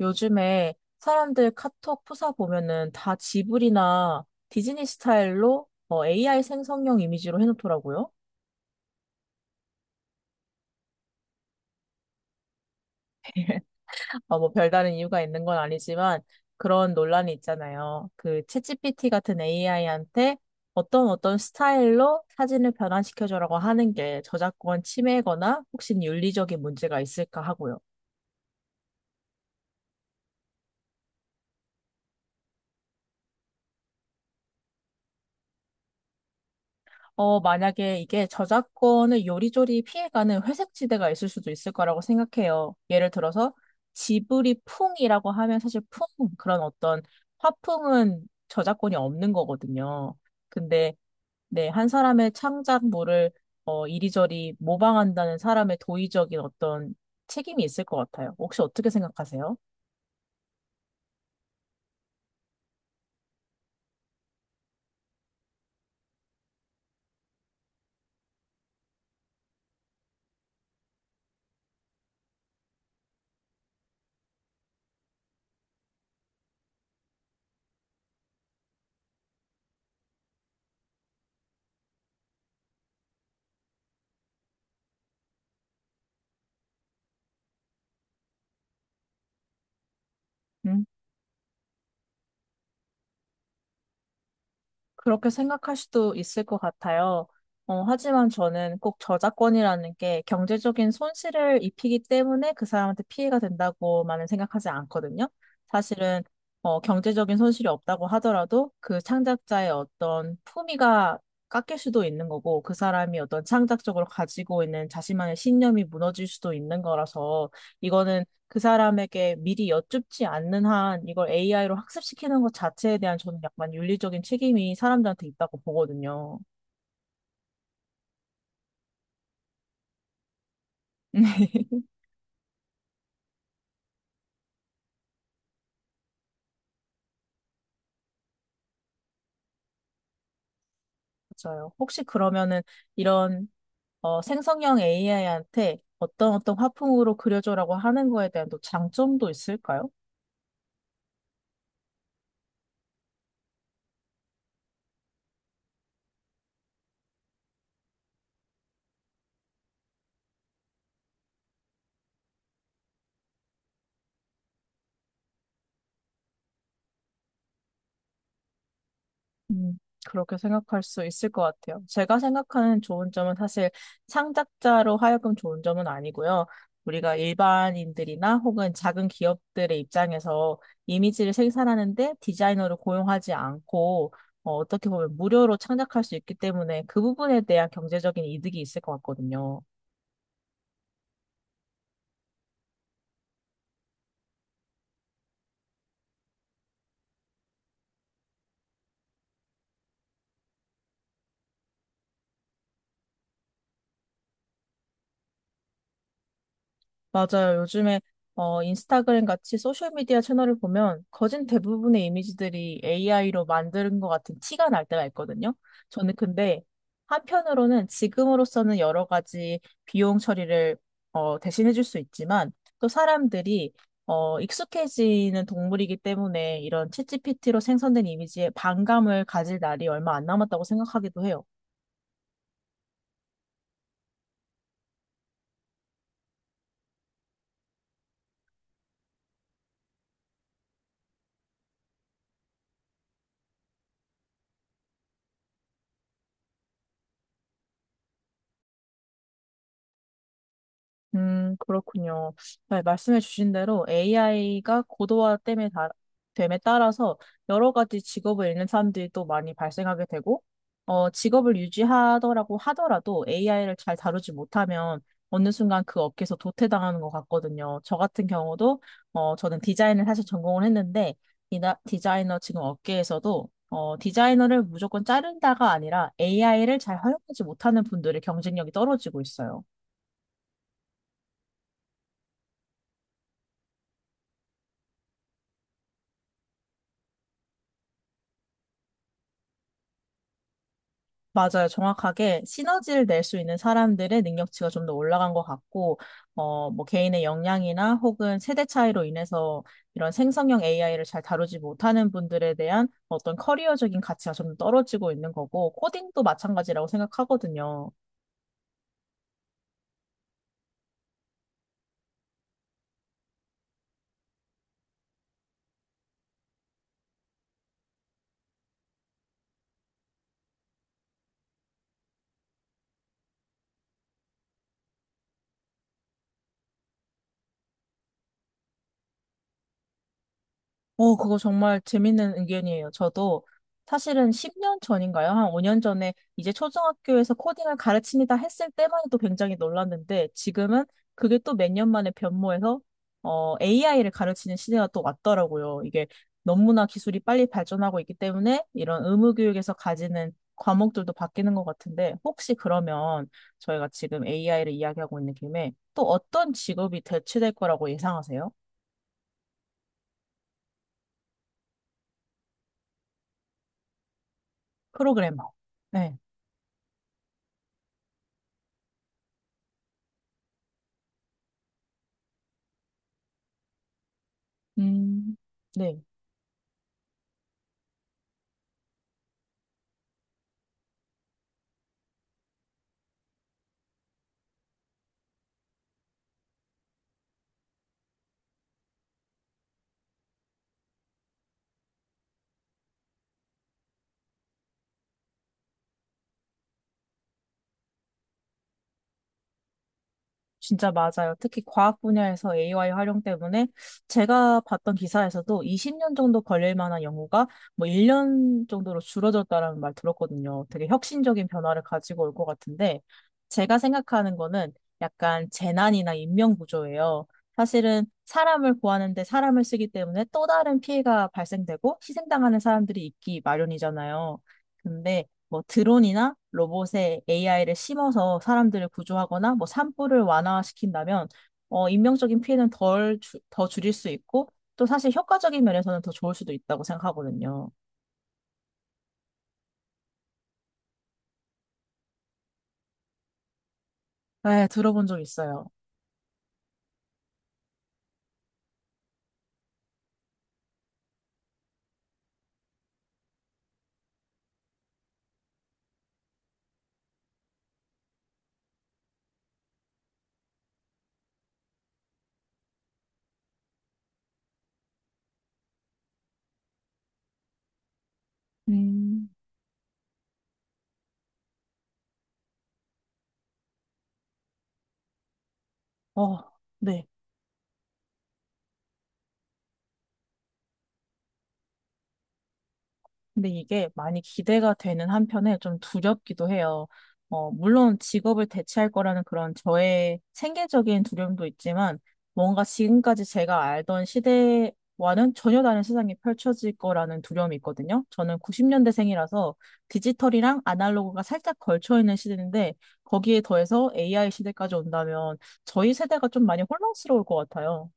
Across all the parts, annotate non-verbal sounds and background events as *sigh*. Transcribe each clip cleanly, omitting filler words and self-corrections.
요즘에 사람들 카톡 프사 보면은 다 지브리나 디즈니 스타일로 뭐 AI 생성형 이미지로 해놓더라고요. 뭐 별다른 이유가 있는 건 아니지만 그런 논란이 있잖아요. 그 챗GPT 같은 AI한테 어떤 스타일로 사진을 변환시켜줘라고 하는 게 저작권 침해거나 혹시 윤리적인 문제가 있을까 하고요. 만약에 이게 저작권을 요리조리 피해가는 회색지대가 있을 수도 있을 거라고 생각해요. 예를 들어서 지브리 풍이라고 하면 사실 풍, 그런 어떤 화풍은 저작권이 없는 거거든요. 근데 네, 한 사람의 창작물을 이리저리 모방한다는 사람의 도의적인 어떤 책임이 있을 것 같아요. 혹시 어떻게 생각하세요? 음. 그렇게 생각할 수도 있을 것 같아요. 하지만 저는 꼭 저작권이라는 게 경제적인 손실을 입히기 때문에 그 사람한테 피해가 된다고만은 생각하지 않거든요. 사실은 경제적인 손실이 없다고 하더라도 그 창작자의 어떤 품위가 깎일 수도 있는 거고, 그 사람이 어떤 창작적으로 가지고 있는 자신만의 신념이 무너질 수도 있는 거라서 이거는 그 사람에게 미리 여쭙지 않는 한 이걸 AI로 학습시키는 것 자체에 대한 저는 약간 윤리적인 책임이 사람들한테 있다고 보거든요. *laughs* 맞아요. 혹시 그러면은 이런 생성형 AI한테 어떤 화풍으로 그려줘라고 하는 거에 대한 또 장점도 있을까요? 음, 그렇게 생각할 수 있을 것 같아요. 제가 생각하는 좋은 점은 사실 창작자로 하여금 좋은 점은 아니고요. 우리가 일반인들이나 혹은 작은 기업들의 입장에서 이미지를 생산하는데 디자이너를 고용하지 않고 어떻게 보면 무료로 창작할 수 있기 때문에 그 부분에 대한 경제적인 이득이 있을 것 같거든요. 맞아요. 요즘에 인스타그램 같이 소셜미디어 채널을 보면 거진 대부분의 이미지들이 AI로 만든 것 같은 티가 날 때가 있거든요. 저는 근데 한편으로는 지금으로서는 여러 가지 비용 처리를 대신해 줄 수 있지만 또 사람들이 익숙해지는 동물이기 때문에 이런 챗GPT로 생성된 이미지에 반감을 가질 날이 얼마 안 남았다고 생각하기도 해요. 그렇군요. 네, 말씀해 주신 대로 AI가 고도화 됨에 따라서 여러 가지 직업을 잃는 사람들이 또 많이 발생하게 되고, 직업을 유지하더라고 하더라도 AI를 잘 다루지 못하면 어느 순간 그 업계에서 도태당하는 것 같거든요. 저 같은 경우도, 저는 디자인을 사실 전공을 했는데, 디자이너 지금 업계에서도, 디자이너를 무조건 자른다가 아니라 AI를 잘 활용하지 못하는 분들의 경쟁력이 떨어지고 있어요. 맞아요. 정확하게 시너지를 낼 수 있는 사람들의 능력치가 좀 더 올라간 것 같고, 뭐 개인의 역량이나 혹은 세대 차이로 인해서 이런 생성형 AI를 잘 다루지 못하는 분들에 대한 어떤 커리어적인 가치가 좀 떨어지고 있는 거고, 코딩도 마찬가지라고 생각하거든요. 오, 그거 정말 재밌는 의견이에요. 저도 사실은 10년 전인가요? 한 5년 전에 이제 초등학교에서 코딩을 가르칩니다 했을 때만 해도 굉장히 놀랐는데, 지금은 그게 또 몇 년 만에 변모해서 AI를 가르치는 시대가 또 왔더라고요. 이게 너무나 기술이 빨리 발전하고 있기 때문에 이런 의무교육에서 가지는 과목들도 바뀌는 것 같은데, 혹시 그러면 저희가 지금 AI를 이야기하고 있는 김에 또 어떤 직업이 대체될 거라고 예상하세요? 프로그래머. 네. 음, 네, 진짜 맞아요. 특히 과학 분야에서 AI 활용 때문에 제가 봤던 기사에서도 20년 정도 걸릴 만한 연구가 뭐 1년 정도로 줄어졌다라는 말 들었거든요. 되게 혁신적인 변화를 가지고 올 것 같은데 제가 생각하는 거는 약간 재난이나 인명 구조예요. 사실은 사람을 구하는데 사람을 쓰기 때문에 또 다른 피해가 발생되고 희생당하는 사람들이 있기 마련이잖아요. 근데 뭐 드론이나 로봇에 AI를 심어서 사람들을 구조하거나 뭐 산불을 완화시킨다면 인명적인 피해는 더 줄일 수 있고 또 사실 효과적인 면에서는 더 좋을 수도 있다고 생각하거든요. 네, 들어본 적 있어요. 음. 어, 네. 근데 이게 많이 기대가 되는 한편에 좀 두렵기도 해요. 물론 직업을 대체할 거라는 그런 저의 생계적인 두려움도 있지만 뭔가 지금까지 제가 알던 시대와는 전혀 다른 세상이 펼쳐질 거라는 두려움이 있거든요. 저는 90년대생이라서 디지털이랑 아날로그가 살짝 걸쳐 있는 시대인데 거기에 더해서 AI 시대까지 온다면 저희 세대가 좀 많이 혼란스러울 것 같아요.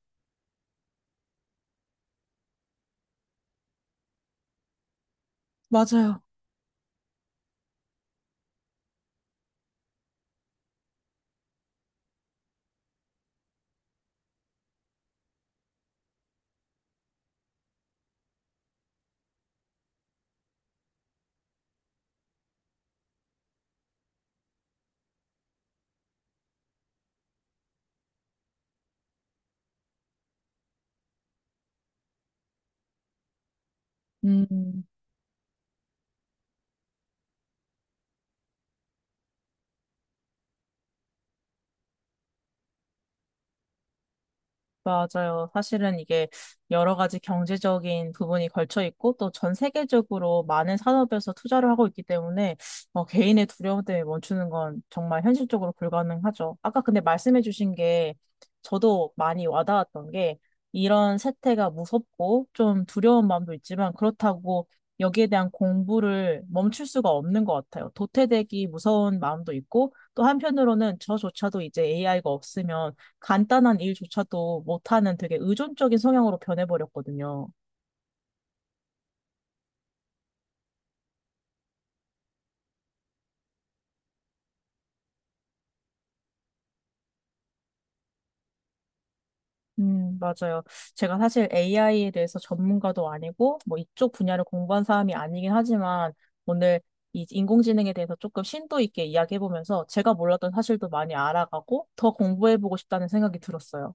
맞아요. 음. 맞아요. 사실은 이게 여러 가지 경제적인 부분이 걸쳐 있고 또 전 세계적으로 많은 산업에서 투자를 하고 있기 때문에 개인의 두려움 때문에 멈추는 건 정말 현실적으로 불가능하죠. 아까 근데 말씀해 주신 게 저도 많이 와닿았던 게, 이런 세태가 무섭고 좀 두려운 마음도 있지만 그렇다고 여기에 대한 공부를 멈출 수가 없는 것 같아요. 도태되기 무서운 마음도 있고 또 한편으로는 저조차도 이제 AI가 없으면 간단한 일조차도 못하는 되게 의존적인 성향으로 변해버렸거든요. 맞아요. 제가 사실 AI에 대해서 전문가도 아니고, 뭐 이쪽 분야를 공부한 사람이 아니긴 하지만, 오늘 이 인공지능에 대해서 조금 심도 있게 이야기해보면서 제가 몰랐던 사실도 많이 알아가고, 더 공부해보고 싶다는 생각이 들었어요.